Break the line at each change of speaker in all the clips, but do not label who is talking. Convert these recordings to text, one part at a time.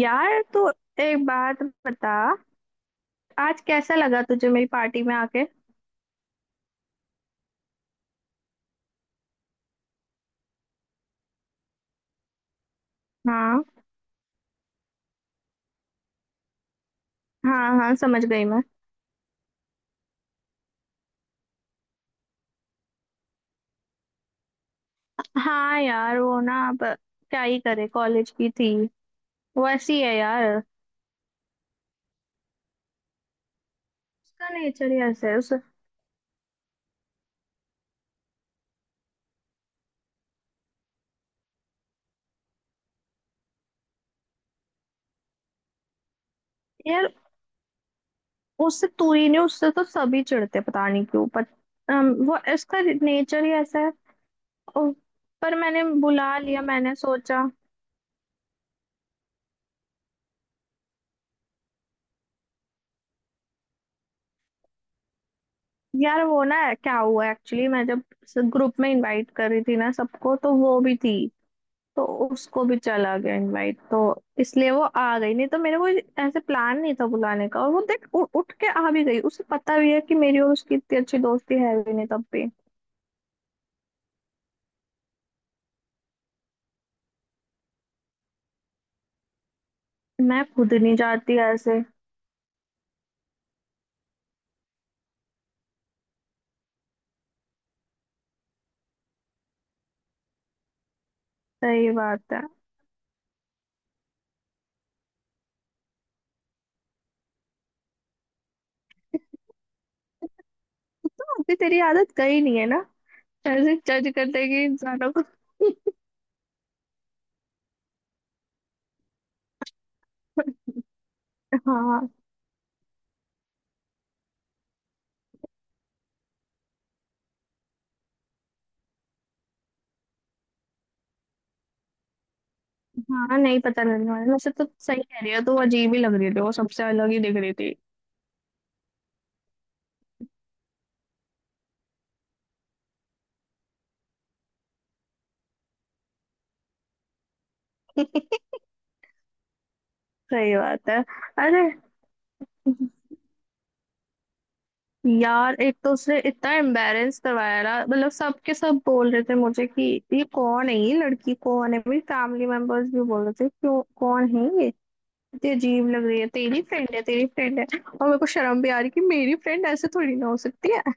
यार तो एक बात बता। आज कैसा लगा तुझे मेरी पार्टी में आके? हाँ। हाँ हाँ, समझ गई मैं। हाँ यार, वो ना अब क्या ही करे, कॉलेज की थी, वो ऐसी है यार। उसका नेचर ही ऐसा है उस यार। उससे तू ही नहीं, उससे तो सभी चिढ़ते, पता नहीं क्यों पर। वो इसका नेचर ही ऐसा है। ओ, पर मैंने बुला लिया, मैंने सोचा। यार वो ना क्या हुआ एक्चुअली, मैं जब ग्रुप में इनवाइट कर रही थी ना सबको, तो वो भी थी, तो उसको भी चला गया इनवाइट, तो इसलिए वो आ गई। नहीं तो मेरा कोई ऐसे प्लान नहीं था बुलाने का, और वो देख उठ के आ भी गई। उसे पता भी है कि मेरी और उसकी इतनी अच्छी दोस्ती है भी नहीं, तब भी मैं खुद नहीं जाती ऐसे। सही बात है। तो अभी तेरी आदत गई नहीं है ना, ऐसे जज कर देगी इंसानों को। हाँ हाँ, नहीं पता लगने वाला, वैसे तो सही कह रही है, तो वो अजीब ही लग रही थी, वो सबसे अलग ही दिख रही थी। सही बात है। अरे यार, एक तो उसने इतना एम्बेरेंस करवाया ना, मतलब सबके सब बोल रहे थे मुझे कि ये कौन है, ये लड़की कौन है। मेरी फैमिली मेंबर्स भी बोल रहे थे क्यों, कौन है ये, इतनी अजीब लग रही है। तेरी फ्रेंड है, तेरी फ्रेंड है। और मेरे को शर्म भी आ रही कि मेरी फ्रेंड ऐसे थोड़ी ना हो सकती है।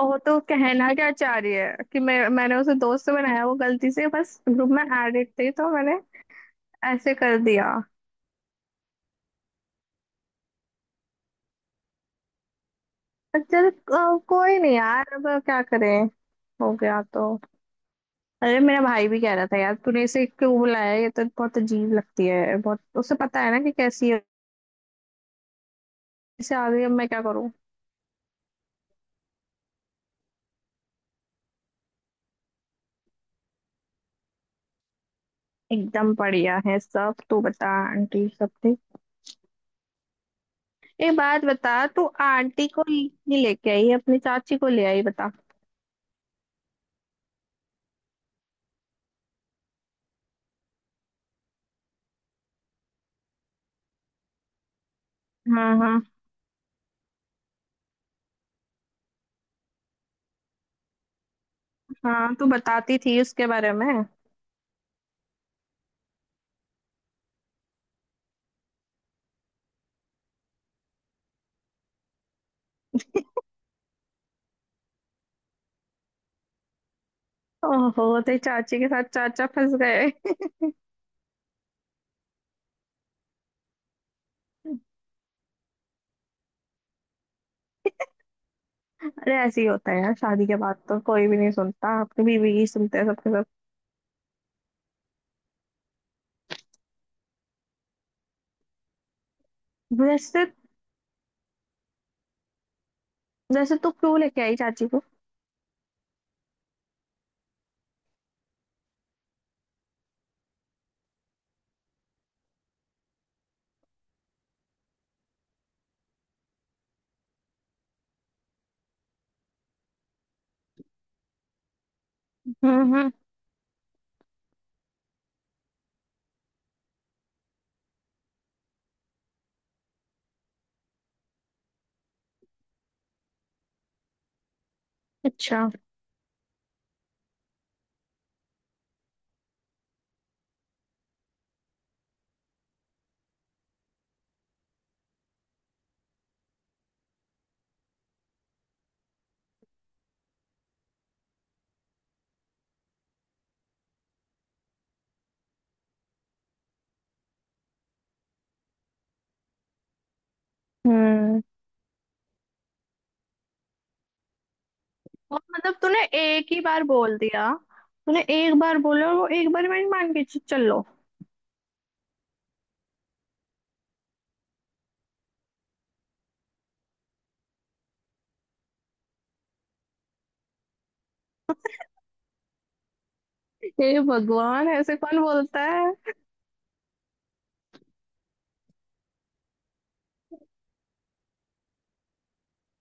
और तो कहना क्या चाह रही है कि मैंने उसे दोस्त बनाया? वो गलती से बस ग्रुप में एडिट थी, तो मैंने ऐसे कर दिया। अच्छा, कोई नहीं यार, अब क्या करें, हो गया तो। अरे मेरा भाई भी कह रहा था यार, तूने इसे क्यों बुलाया, ये तो बहुत अजीब लगती है बहुत, उसे पता है ना कि कैसी है। इसे आ गई, अब मैं क्या करूं। एकदम बढ़िया है सब, तू बता आंटी सब ठीक? एक बात बता, तू आंटी को नहीं लेके आई, अपनी चाची को ले आई, बता। हाँ। हाँ हाँ, तू बताती थी उसके बारे में। ओहो, तेरी चाची के साथ चाचा फंस गए। अरे ऐसे ही होता है यार, शादी के बाद तो कोई भी नहीं सुनता, अपनी बीवी ही सुनते हैं सबके सब। वैसे। वैसे तू क्यों लेके आई चाची को? हम्म। अच्छा। हम्म। और मतलब तूने एक ही बार बोल दिया? तूने एक बार बोला और वो एक बार मैंने मान के चल लो। हे भगवान, ऐसे कौन बोलता है।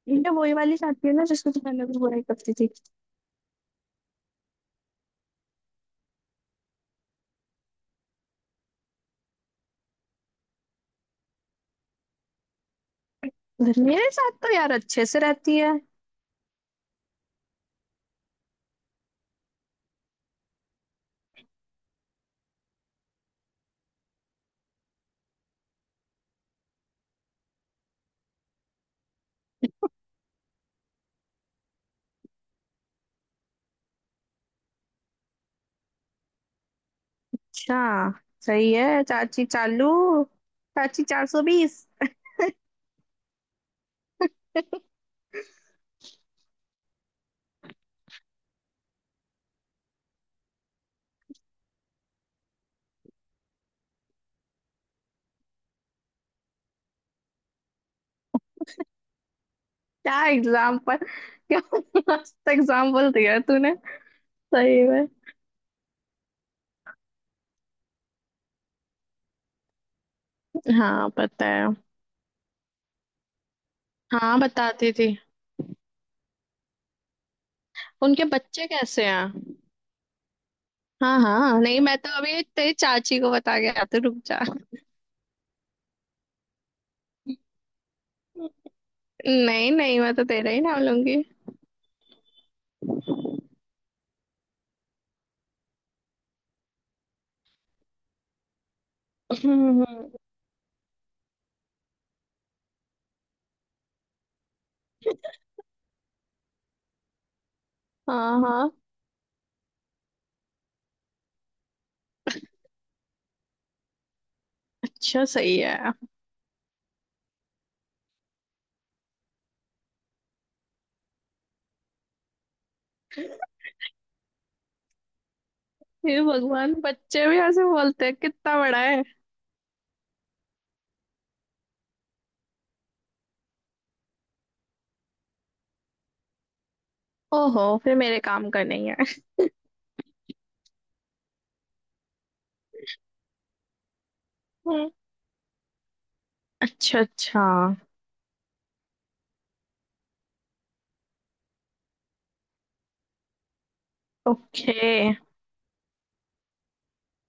ये वही वाली चाहती है ना, जिसको तू पहले भी बुराई करती थी। घर में मेरे साथ तो यार अच्छे से रहती है। अच्छा, सही है। चाची चालू। चाची चार सौ बीस। क्या एग्जाम पर क्या? मस्त एग्जाम्पल दिया तूने, सही में। हाँ पता है। हाँ बताती थी। उनके बच्चे कैसे हैं? हाँ हाँ, नहीं मैं तो अभी तेरी चाची को बता के आती हूँ, रुक जा। नहीं नहीं, मैं तो तेरा ही नाम लूंगी। हम्म। हाँ हाँ। अच्छा, सही है। ये भगवान, बच्चे भी ऐसे बोलते हैं? कितना बड़ा है? ओहो, फिर मेरे काम का नहीं है। हम्म। अच्छा अच्छा। ओके।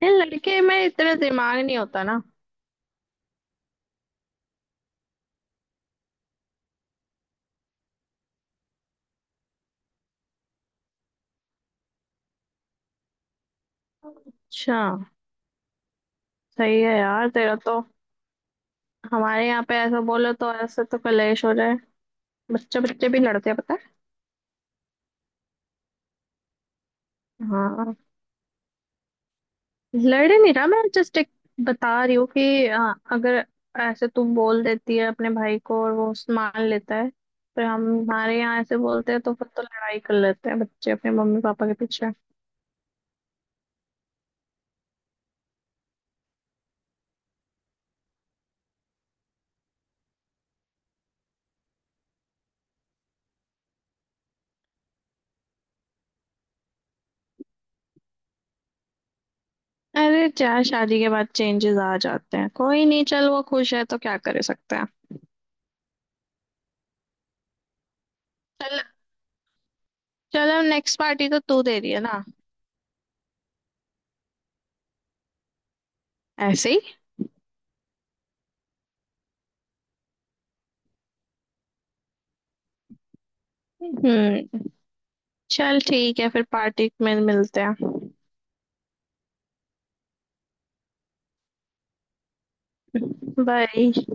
ये लड़के में इतना दिमाग नहीं होता ना। अच्छा, सही है यार तेरा तो। हमारे यहाँ पे ऐसा बोलो तो ऐसे तो कलेश हो जाए। बच्चे बच्चे भी लड़ते हैं, पता है? हाँ, लड़ नहीं रहा, मैं जस्ट एक बता रही हूँ कि अगर ऐसे तू बोल देती है अपने भाई को और वो मान लेता है। पर हम हमारे यहाँ ऐसे बोलते हैं तो फिर तो लड़ाई कर लेते हैं बच्चे अपने मम्मी पापा के पीछे। अरे, चाहे शादी के बाद चेंजेस आ जाते हैं, कोई नहीं, चल, वो खुश है तो क्या कर सकते हैं। चल। चल अब नेक्स्ट पार्टी तो तू दे रही है ना? ऐसे ही। हम्म। चल ठीक है, फिर पार्टी में मिलते हैं। बाय।